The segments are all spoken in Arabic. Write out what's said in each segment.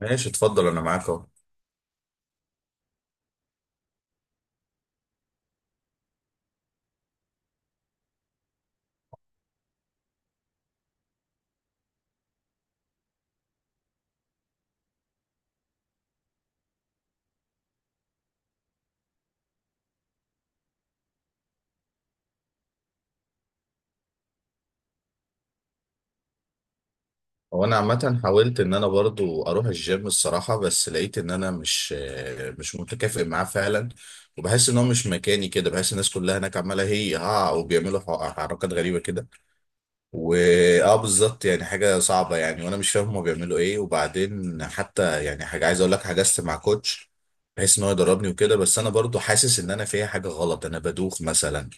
ماشي اتفضل انا معاك اهو. هو انا عامه حاولت ان انا برضو اروح الجيم الصراحه، بس لقيت ان انا مش متكافئ معاه فعلا. وبحس ان هو مش مكاني كده، بحس الناس كلها هناك عماله هي ها وبيعملوا حركات غريبه كده. واه بالظبط، يعني حاجه صعبه يعني، وانا مش فاهم هما بيعملوا ايه. وبعدين حتى يعني حاجه عايز اقول لك، حجزت مع كوتش بحيث ان هو يدربني وكده، بس انا برضو حاسس ان انا فيها حاجه غلط. انا بدوخ مثلا،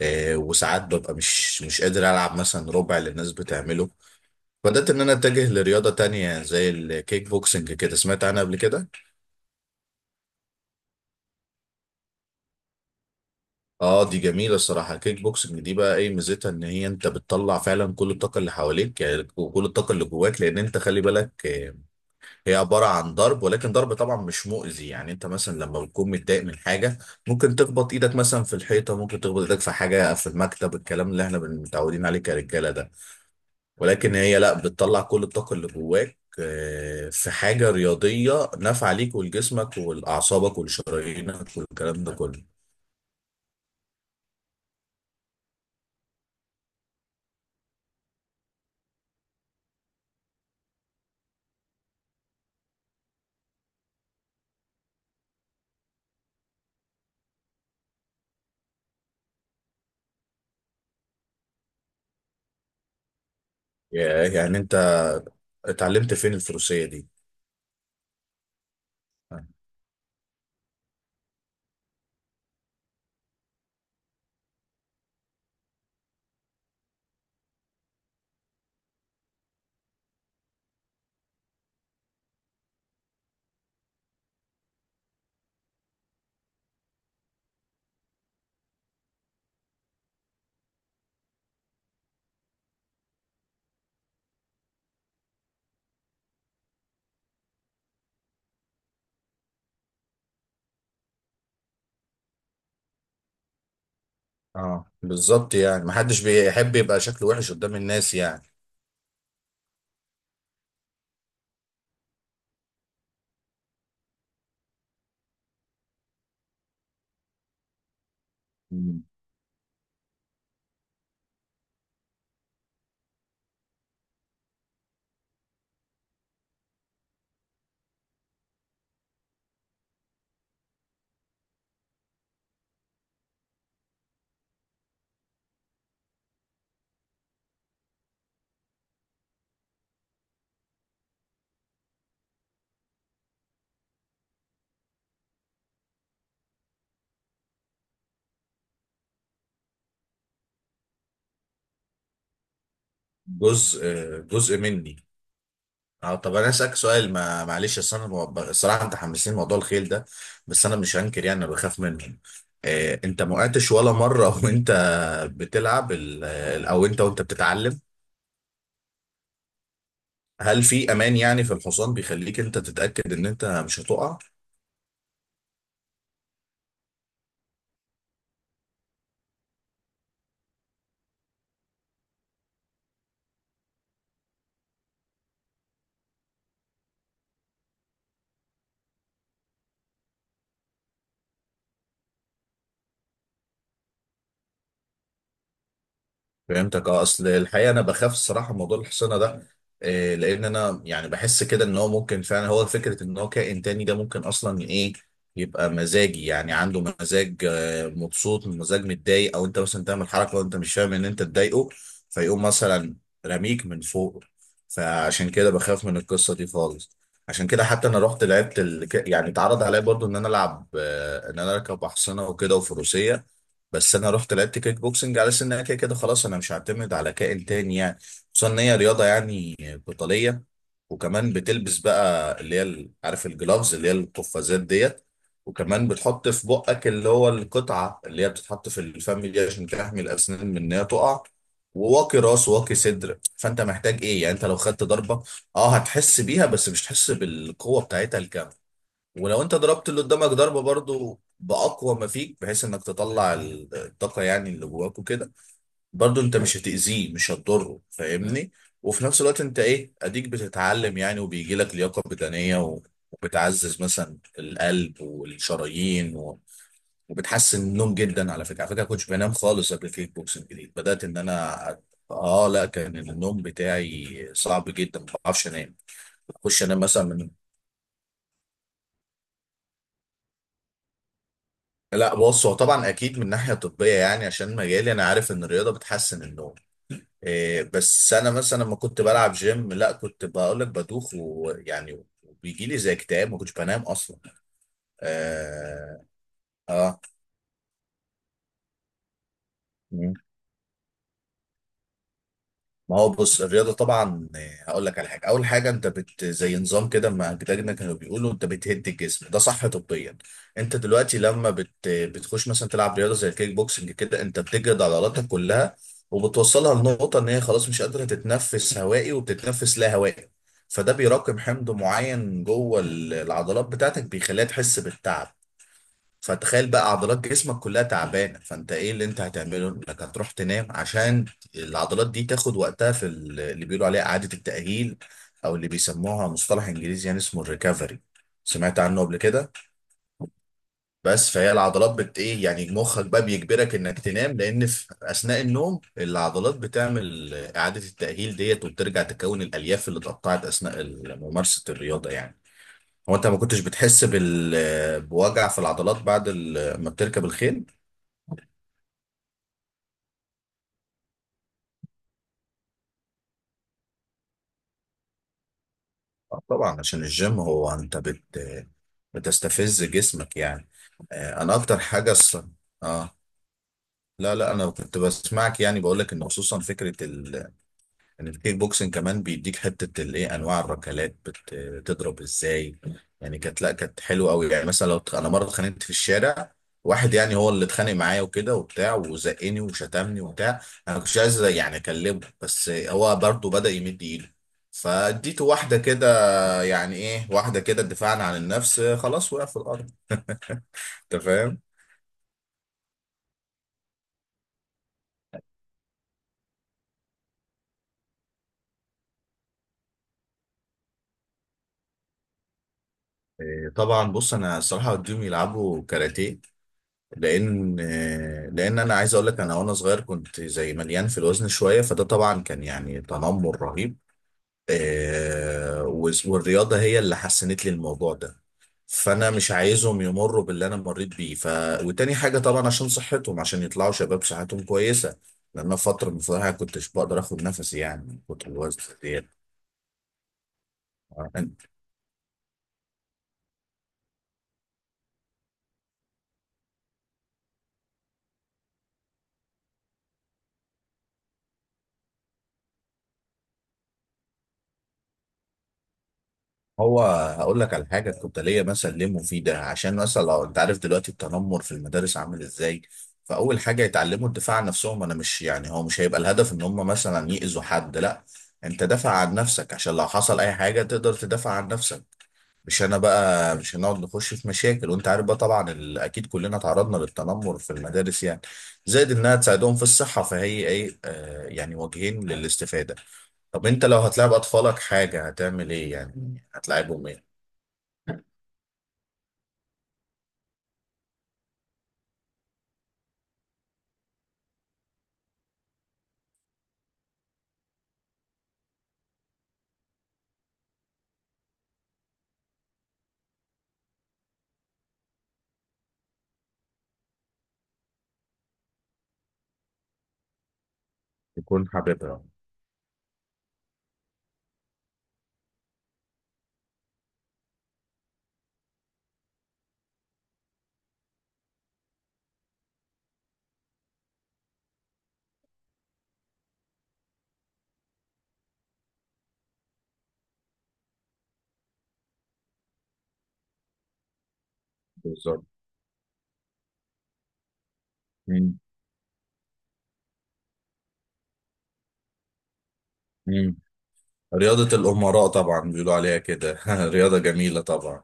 وساعات ببقى مش قادر العب مثلا ربع اللي الناس بتعمله. بدأت إن أنا أتجه لرياضة تانية زي الكيك بوكسنج كده. سمعت عنها قبل كده؟ آه دي جميلة الصراحة. الكيك بوكسنج دي بقى إيه ميزتها؟ إن هي أنت بتطلع فعلا كل الطاقة اللي حواليك يعني، وكل الطاقة اللي جواك. لأن أنت خلي بالك هي عبارة عن ضرب، ولكن ضرب طبعا مش مؤذي. يعني أنت مثلا لما بتكون متضايق من حاجة، ممكن تخبط إيدك مثلا في الحيطة، ممكن تخبط إيدك في حاجة في المكتب، الكلام اللي إحنا متعودين عليه كرجالة ده. ولكن هي لا، بتطلع كل الطاقة اللي جواك في حاجة رياضية نافعة ليك ولجسمك ولأعصابك ولشرايينك والكلام ده كله. يعني انت اتعلمت فين الفروسية دي؟ اه بالظبط، يعني محدش بيحب يبقى شكله وحش قدام الناس يعني. مم. جزء جزء مني. اه طب انا اسالك سؤال، ما معلش، اصل انا الصراحه انت حمسين موضوع الخيل ده، بس انا مش هنكر يعني انا بخاف منه. آه، انت ما وقعتش ولا مره وانت بتلعب او انت وانت بتتعلم؟ هل في امان يعني في الحصان بيخليك انت تتاكد ان انت مش هتقع؟ فهمتك. اه اصل الحقيقه انا بخاف الصراحه من موضوع الحصانه ده. إيه لان انا يعني بحس كده ان هو ممكن فعلا، هو فكره ان هو كائن تاني ده، ممكن اصلا ايه، يبقى مزاجي يعني، عنده مزاج مبسوط، مزاج متضايق، او انت مثلا تعمل حركه وانت مش فاهم ان انت تضايقه، فيقوم مثلا رميك من فوق. فعشان كده بخاف من القصه دي خالص. عشان كده حتى انا رحت لعبت ال... يعني اتعرض عليا برضو ان انا العب ان انا اركب احصنه وكده وفروسيه، بس انا رحت لعبت كيك بوكسنج على اساس انها كده كده خلاص انا مش هعتمد على كائن تاني يعني. خصوصا ان هي رياضه يعني قتاليه، وكمان بتلبس بقى اللي هي عارف الجلافز اللي هي القفازات ديت. وكمان بتحط في بقك اللي هو القطعه اللي هي بتتحط في الفم دي عشان تحمي الاسنان من ان هي تقع. وواقي راس وواقي صدر. فانت محتاج ايه يعني؟ انت لو خدت ضربه اه هتحس بيها، بس مش هتحس بالقوه بتاعتها. ولو انت ضربت اللي قدامك ضربه برضو باقوى ما فيك، بحيث انك تطلع الطاقه يعني اللي جواك وكده، برضو انت مش هتاذيه، مش هتضره، فاهمني. وفي نفس الوقت انت ايه، اديك بتتعلم يعني، وبيجي لك لياقه بدنيه، و- وبتعزز مثلا القلب والشرايين، و... وبتحسن النوم جدا. على فكره على فكره، ما كنتش بنام خالص قبل الكيك بوكسنج، جديد بدات ان انا، اه لا كان النوم بتاعي صعب جدا، ما بعرفش انام اخش انام مثلا. لا بص، هو طبعا اكيد من ناحيه طبيه يعني عشان مجالي، انا عارف ان الرياضه بتحسن النوم. إيه بس انا مثلا لما كنت بلعب جيم لا، كنت بقول لك بدوخ ويعني وبيجي لي زي اكتئاب، ما كنتش بنام اصلا. اه، آه. ما هو بص الرياضة طبعا هقول لك على حاجة. أول حاجة أنت زي نظام كده ما أجدادنا كانوا بيقولوا، أنت بتهد الجسم ده صح طبيا. أنت دلوقتي لما بتخش مثلا تلعب رياضة زي الكيك بوكسنج كده، أنت بتجرد عضلاتك كلها وبتوصلها لنقطة إن هي خلاص مش قادرة تتنفس هوائي، وبتتنفس لا هوائي. فده بيراكم حمض معين جوه العضلات بتاعتك، بيخليها تحس بالتعب. فتخيل بقى عضلات جسمك كلها تعبانه، فانت ايه اللي انت هتعمله؟ انك هتروح تنام عشان العضلات دي تاخد وقتها في اللي بيقولوا عليها اعاده التاهيل، او اللي بيسموها مصطلح انجليزي يعني اسمه الريكفري. سمعت عنه قبل كده؟ بس فهي العضلات بت ايه يعني مخك بقى بيجبرك انك تنام، لان في اثناء النوم العضلات بتعمل اعاده التاهيل ديت، وبترجع تكون الالياف اللي اتقطعت اثناء ممارسه الرياضه يعني. هو انت ما كنتش بتحس بال بوجع في العضلات بعد ما بتركب الخيل؟ آه، طبعا عشان الجيم هو انت بتستفز جسمك يعني. آه، انا اكتر حاجه ص... اه لا لا انا كنت بسمعك يعني. بقول لك ان خصوصا فكره ال... ان الكيك بوكسنج كمان بيديك حته الايه، انواع الركلات بتضرب ازاي. يعني كانت، لا كانت حلوه قوي يعني. مثلا لو انا مره اتخانقت في الشارع، واحد يعني هو اللي اتخانق معايا وكده وبتاع، وزقني وشتمني وبتاع. انا كنتش عايز يعني اكلمه، بس هو برضه بدأ يمد ايده، فاديته واحده كده. يعني ايه واحده كده؟ دفاعا عن النفس آه، خلاص وقع في الارض. انت فاهم. آه، طبعا بص انا الصراحه وديهم يلعبوا كاراتيه، لان آه، لان انا عايز اقول لك، انا وانا صغير كنت زي مليان في الوزن شويه، فده طبعا كان يعني تنمر رهيب. والرياضه هي اللي حسنت لي الموضوع ده. فانا مش عايزهم يمروا باللي انا مريت بيه ف. وتاني حاجه طبعا عشان صحتهم، عشان يطلعوا شباب صحتهم كويسه، لان أنا فتره من فترة كنتش بقدر اخد نفسي يعني من كتر الوزن. ديت هو هقول لك على حاجه كنت ليا مثلا ليه مفيده. عشان مثلا لو انت عارف دلوقتي التنمر في المدارس عامل ازاي، فاول حاجه يتعلموا الدفاع عن نفسهم. انا مش يعني، هو مش هيبقى الهدف ان هم مثلا يأذوا حد لا، انت دافع عن نفسك عشان لو حصل اي حاجه تقدر تدافع عن نفسك. مش انا بقى مش هنقعد نخش في مشاكل، وانت عارف بقى طبعا اكيد كلنا تعرضنا للتنمر في المدارس يعني. زائد انها تساعدهم في الصحه، فهي ايه آه يعني وجهين للاستفاده. طب انت لو هتلعب اطفالك حاجه هتعمل ايه؟ يعني هتلعبهم ايه؟ يكون حاببها. بالظبط. مم. مم. رياضة الأمراء طبعا بيقولوا عليها كده. رياضة جميلة طبعا.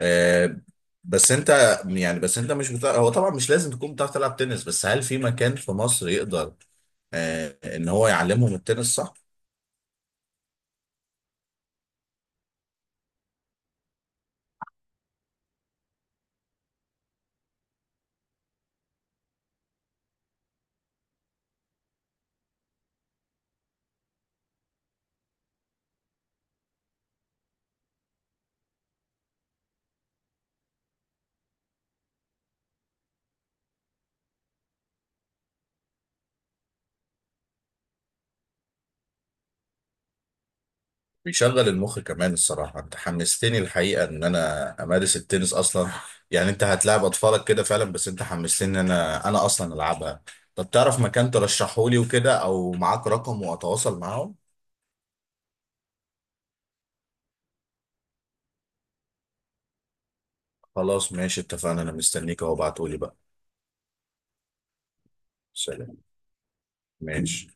آه بس أنت، يعني بس أنت مش بتاع، هو طبعا مش لازم تكون بتعرف تلعب تنس، بس هل في مكان في مصر يقدر آه إن هو يعلمهم التنس، صح؟ بيشغل المخ كمان الصراحة. أنت حمستني الحقيقة إن أنا أمارس التنس أصلا. يعني أنت هتلاعب أطفالك كده فعلا، بس أنت حمستني إن أنا أصلا ألعبها. طب تعرف مكان ترشحه لي وكده، أو معاك رقم وأتواصل معاهم؟ خلاص ماشي، اتفقنا. انا مستنيك اهو، ابعتهولي بقى. سلام. ماشي.